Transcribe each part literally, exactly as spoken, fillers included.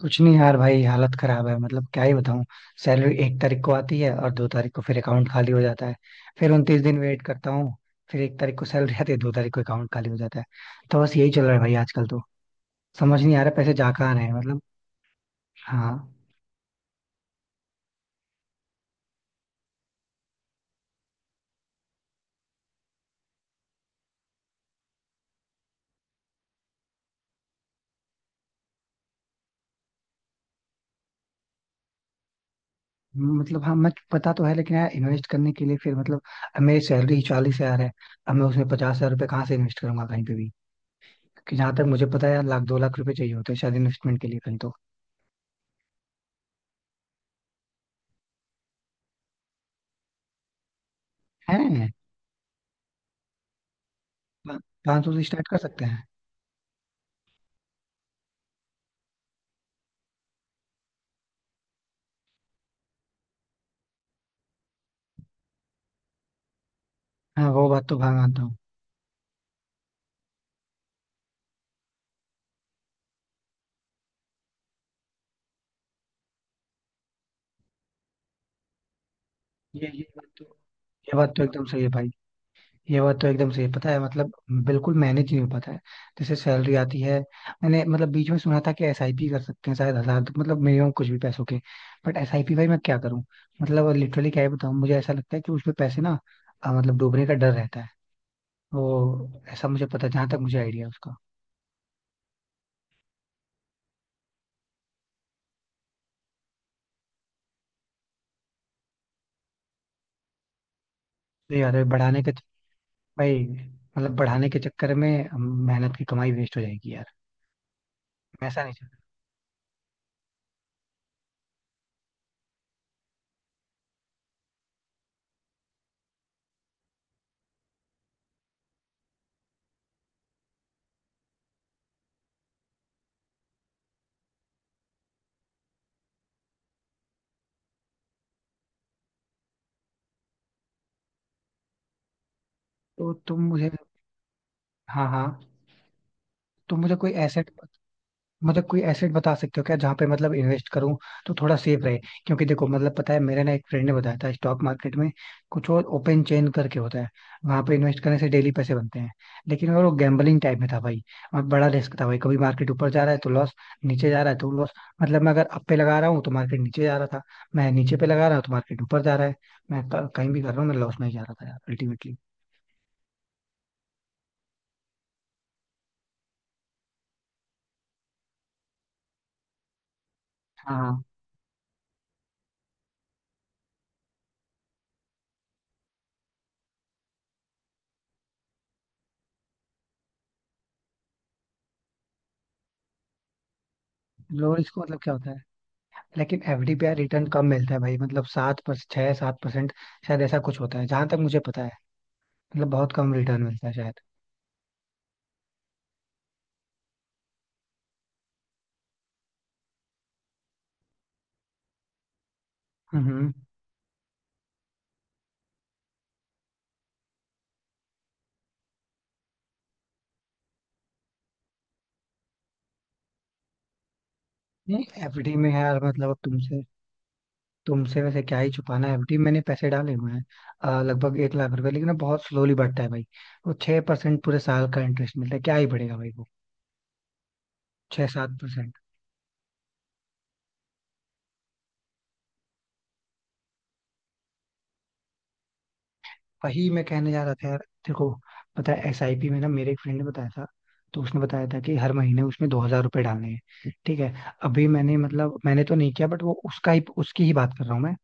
कुछ नहीं यार भाई, हालत खराब है मतलब क्या ही बताऊं। सैलरी एक तारीख को आती है और दो तारीख को फिर अकाउंट खाली हो जाता है। फिर उनतीस दिन वेट करता हूँ। फिर एक तारीख को सैलरी आती है, दो तारीख को अकाउंट खाली हो जाता है। तो बस यही चल रहा है भाई आजकल तो। समझ नहीं आ रहा पैसे जा कहाँ रहे हैं मतलब। हाँ। मतलब हाँ, मैं, पता तो है लेकिन यार इन्वेस्ट करने के लिए फिर मतलब, अब मेरी सैलरी चालीस हज़ार है। अब मैं उसमें पचास हज़ार रुपये कहाँ से इन्वेस्ट करूंगा, कहीं पे भी। क्योंकि जहां तक मुझे पता है यार, लाख दो लाख रुपए चाहिए होते हैं शायद इन्वेस्टमेंट के लिए कहीं तो। है। पाँच सौ से स्टार्ट कर सकते हैं। हाँ वो बात तो भाग आता हूँ। ये ये बात तो। ये बात तो एकदम सही है भाई। ये बात तो एकदम सही है, पता है मतलब। बिल्कुल मैनेज नहीं हो पाता है। जैसे सैलरी आती है। मैंने मतलब बीच में सुना था कि एस आई पी कर सकते हैं शायद हजार तक, मतलब मिनिमम कुछ भी पैसों के। बट एस आई पी भाई मैं क्या करूँ। मतलब लिटरली क्या ही बताऊँ, मुझे ऐसा लगता है कि उसमें पैसे ना, अ, मतलब डूबने का डर रहता है वो। ऐसा मुझे पता, जहां तक मुझे आइडिया है उसका। तो यार बढ़ाने के, भाई, मतलब बढ़ाने के चक्कर में, अम, मेहनत की कमाई वेस्ट हो जाएगी यार। मैं ऐसा नहीं चाहता। तो तुम मुझे, हाँ हाँ, तो मुझे कोई एसेट, मतलब कोई एसेट बता सकते हो क्या, जहाँ पे मतलब इन्वेस्ट करूँ तो थोड़ा सेफ रहे। क्योंकि देखो मतलब पता है, मेरे ना एक फ्रेंड ने बताया था स्टॉक मार्केट में कुछ और ओपन चेन करके होता है। वहां पे इन्वेस्ट करने से डेली पैसे बनते हैं, लेकिन वो गैम्बलिंग टाइप में था भाई। वहाँ बड़ा रिस्क था भाई, कभी मार्केट ऊपर जा रहा है तो लॉस, नीचे जा रहा है तो लॉस। मतलब मैं अगर अप पे लगा रहा हूँ तो मार्केट नीचे जा रहा था। मैं नीचे पे लगा रहा हूँ तो मार्केट ऊपर जा रहा है। मैं क- कहीं भी कर रहा हूँ, मैं लॉस में ही जा रहा था यार अल्टीमेटली। हाँ। लो रिस्क मतलब क्या होता है। लेकिन एफ डी पे यार रिटर्न कम मिलता है भाई, मतलब सात पर छह सात परसेंट शायद, ऐसा कुछ होता है जहां तक मुझे पता है। मतलब बहुत कम रिटर्न मिलता है शायद। हम्म। नहीं एफ डी में यार, मतलब अब तुमसे तुमसे वैसे क्या ही छुपाना है, एफ डी मैंने पैसे डाले हुए हैं, अ, लगभग एक लाख रुपए, लेकिन वो बहुत स्लोली बढ़ता है भाई। वो छह परसेंट पूरे साल का इंटरेस्ट मिलता है, क्या ही बढ़ेगा भाई वो। छह सात परसेंट। वही मैं कहने जा रहा था यार। देखो, पता है एस आई पी में ना, मेरे एक फ्रेंड ने बताया था। तो उसने बताया था कि हर महीने उसमें दो हज़ार रुपये डालने हैं, ठीक है। अभी मैंने मतलब, मैंने तो नहीं किया बट, वो उसका ही उसकी ही बात कर रहा हूँ मैं।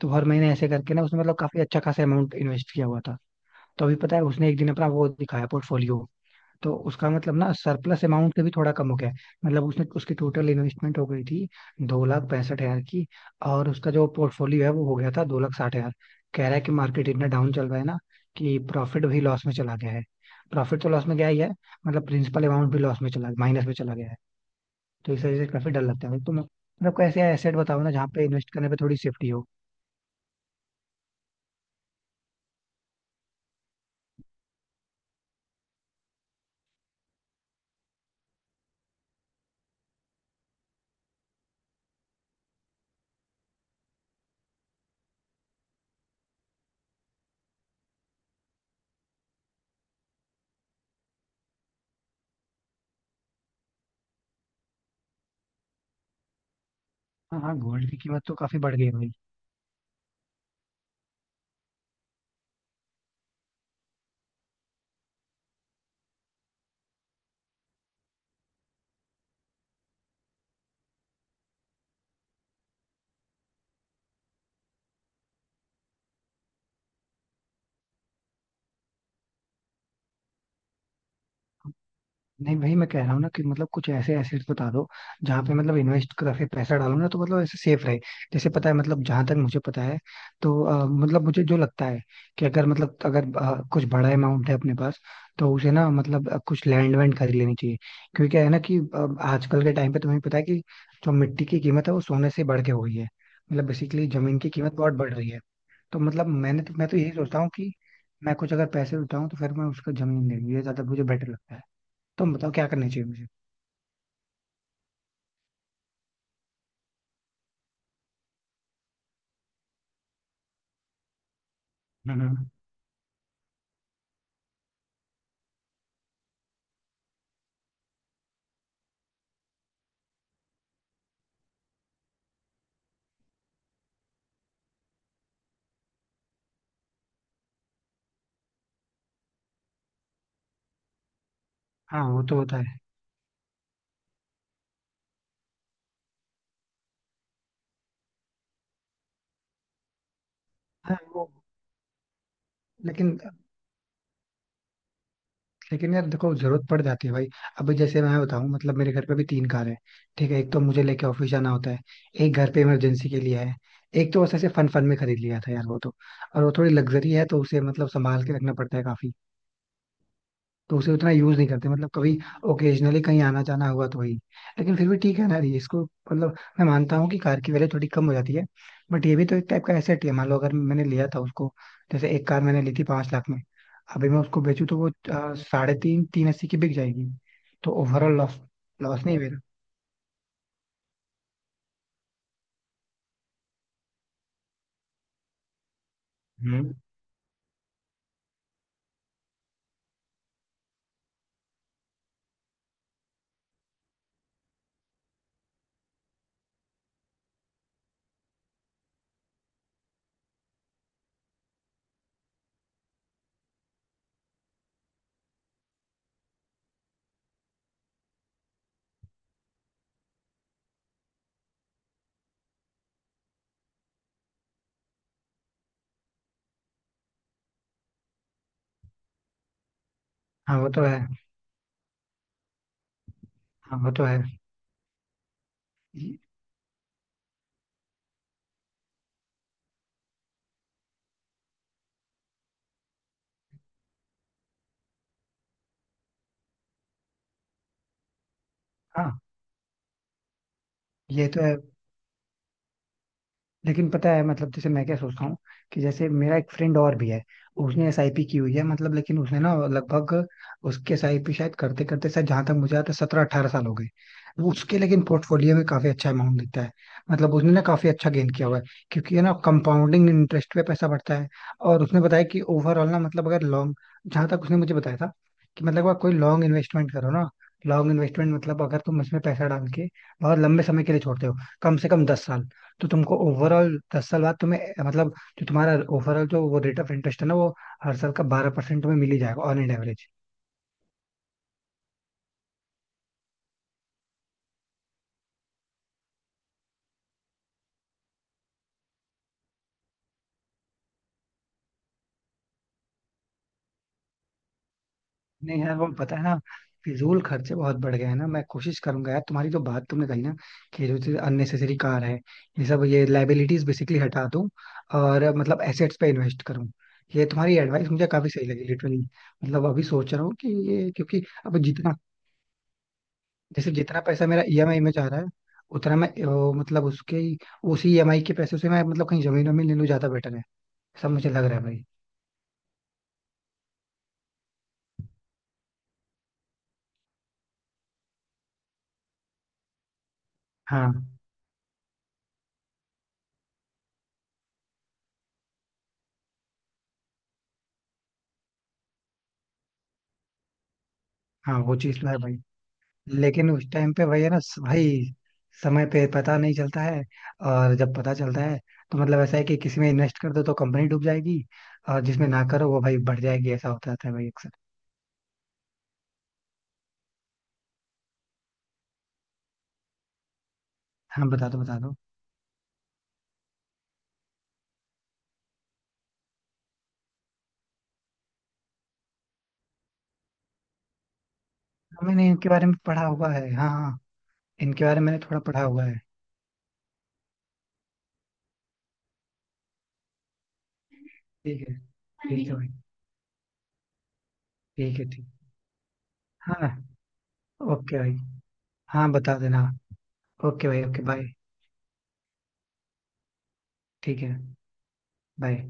तो हर महीने ऐसे करके ना उसने मतलब काफी अच्छा खासा अमाउंट इन्वेस्ट किया हुआ था। तो अभी पता है उसने एक दिन अपना वो दिखाया, पोर्टफोलियो। तो उसका मतलब ना, सरप्लस अमाउंट से भी थोड़ा कम हो गया है। मतलब उसने, उसकी टोटल इन्वेस्टमेंट हो गई थी दो लाख पैंसठ हज़ार की, और उसका जो पोर्टफोलियो है वो हो गया था दो लाख साठ हज़ार। कह रहा है कि मार्केट इतना डाउन चल रहा है ना कि प्रॉफिट भी लॉस में चला गया है। प्रॉफिट तो लॉस में गया ही है, मतलब प्रिंसिपल अमाउंट भी लॉस में चला, माइनस में चला गया है। तो इस वजह से काफी डर लगता है, तो मैं मतलब कोई ऐसे एसेट बताओ ना जहाँ पे इन्वेस्ट करने पे थोड़ी सेफ्टी हो। हाँ हाँ, गोल्ड की कीमत तो काफी बढ़ गई है भाई। नहीं भाई, मैं कह रहा हूँ ना कि मतलब कुछ ऐसे एसेट्स बता दो जहाँ पे मतलब इन्वेस्ट करके पैसा डालो ना, तो मतलब ऐसे सेफ रहे। जैसे पता है मतलब, जहां तक मुझे पता है, तो अ, मतलब मुझे जो लगता है कि अगर मतलब, अगर अ, कुछ बड़ा अमाउंट है अपने पास, तो उसे ना मतलब अ, कुछ लैंड वैंड खरीद लेनी चाहिए। क्योंकि क्या है ना कि अ, आजकल के टाइम पे तुम्हें पता है कि जो मिट्टी की कीमत है वो सोने से बढ़ के हो गई है, मतलब बेसिकली जमीन की कीमत बहुत बढ़ रही है। तो मतलब मैंने तो मैं तो यही सोचता हूँ कि मैं कुछ अगर पैसे उठाऊं, तो फिर मैं उसका जमीन ले लूँ, ये ज्यादा मुझे बेटर लगता है। तुम बताओ क्या करनी चाहिए मुझे। हम्म हम्म। हाँ वो तो होता है। हाँ वो। लेकिन लेकिन यार देखो जरूरत पड़ जाती है भाई। अभी जैसे मैं बताऊं, मतलब मेरे घर पे भी तीन कार है। ठीक है, एक तो मुझे लेके ऑफिस जाना होता है, एक घर पे इमरजेंसी के लिए है, एक तो बस ऐसे फन फन में खरीद लिया था यार वो तो। और वो थोड़ी लग्जरी है तो उसे मतलब संभाल के रखना पड़ता है काफी। तो उसे उतना यूज नहीं करते मतलब, कभी ओकेजनली कहीं आना जाना हुआ तो वही। लेकिन फिर भी ठीक है ना, ये इसको मतलब मैं मानता हूँ कि कार की वैल्यू थोड़ी कम हो जाती है, बट ये भी तो एक टाइप का एसेट ही है मान लो। अगर मैंने लिया था उसको, जैसे एक कार मैंने ली थी पाँच लाख में, अभी मैं उसको बेचूं तो वो, अ, साढ़े तीन तीन अस्सी की बिक जाएगी। तो ओवरऑल लॉस, लॉस नहीं है मेरा। हम्म। हाँ वो तो है। हाँ वो तो है। ये- हाँ ये तो है, लेकिन पता है मतलब, जैसे मैं क्या सोचता हूँ कि जैसे मेरा एक फ्रेंड और भी है। उसने एस आई पी की हुई है मतलब, लेकिन उसने ना लगभग, उसके एस आई पी शायद करते करते शायद, जहां तक मुझे आता है, सत्रह अठारह साल हो गए। वो उसके लेकिन पोर्टफोलियो में काफी अच्छा अमाउंट दिखता है, मतलब उसने ना काफी अच्छा गेन किया हुआ है। क्योंकि है ना, कंपाउंडिंग इंटरेस्ट पे पैसा बढ़ता है। और उसने बताया कि ओवरऑल ना मतलब अगर लॉन्ग, जहां तक उसने मुझे बताया था, कि मतलब अगर कोई लॉन्ग इन्वेस्टमेंट करो ना। लॉन्ग इन्वेस्टमेंट मतलब अगर तुम इसमें पैसा डाल के बहुत लंबे समय के लिए छोड़ते हो, कम से कम दस साल, तो तुमको ओवरऑल दस साल बाद तुम्हें, अ, मतलब जो तुम्हारा ओवरऑल, जो वो रेट ऑफ इंटरेस्ट है ना, वो हर साल का बारह परसेंट तुम्हें मिल ही जाएगा ऑन एन एवरेज। नहीं यार, वो पता है ना, फिजूल खर्चे बहुत बढ़ गए हैं ना। मैं कोशिश करूंगा यार, तुम्हारी जो बात तुमने कही ना, कि जो चीज अननेसेसरी कार है, ये सब, ये लाइबिलिटीज बेसिकली, हटा दूं। और अ, मतलब एसेट्स पे इन्वेस्ट करूं। ये तुम्हारी एडवाइस मुझे काफी सही लगी लिटरली। मतलब अभी सोच रहा हूँ कि ये, क्योंकि अब जितना, जैसे जितना पैसा मेरा ई एम आई में जा रहा है उतना मैं, ओ, मतलब उसके ही- उसी ई एम आई के पैसे से मैं मतलब कहीं जमीन वमीन ले लूँ, ज्यादा बेटर है। सब मुझे लग रहा है भाई। हाँ हाँ, वो चीज तो है भाई। लेकिन उस टाइम पे भाई है ना, स- भाई समय पे पता नहीं चलता है। और जब पता चलता है, तो मतलब ऐसा है कि किसी में इन्वेस्ट कर दो तो कंपनी डूब जाएगी, और जिसमें ना करो वो भाई बढ़ जाएगी, ऐसा होता रहता है भाई अक्सर। हाँ बता दो बता दो। हाँ, मैंने इनके बारे में पढ़ा हुआ है, हाँ हाँ। इनके बारे में मैंने थोड़ा पढ़ा हुआ है। ठीक है। ठीक है भाई। ठीक है, ठीक। हाँ। ओके भाई। हाँ बता देना। ओके भाई, ओके बाय। ठीक है। बाय।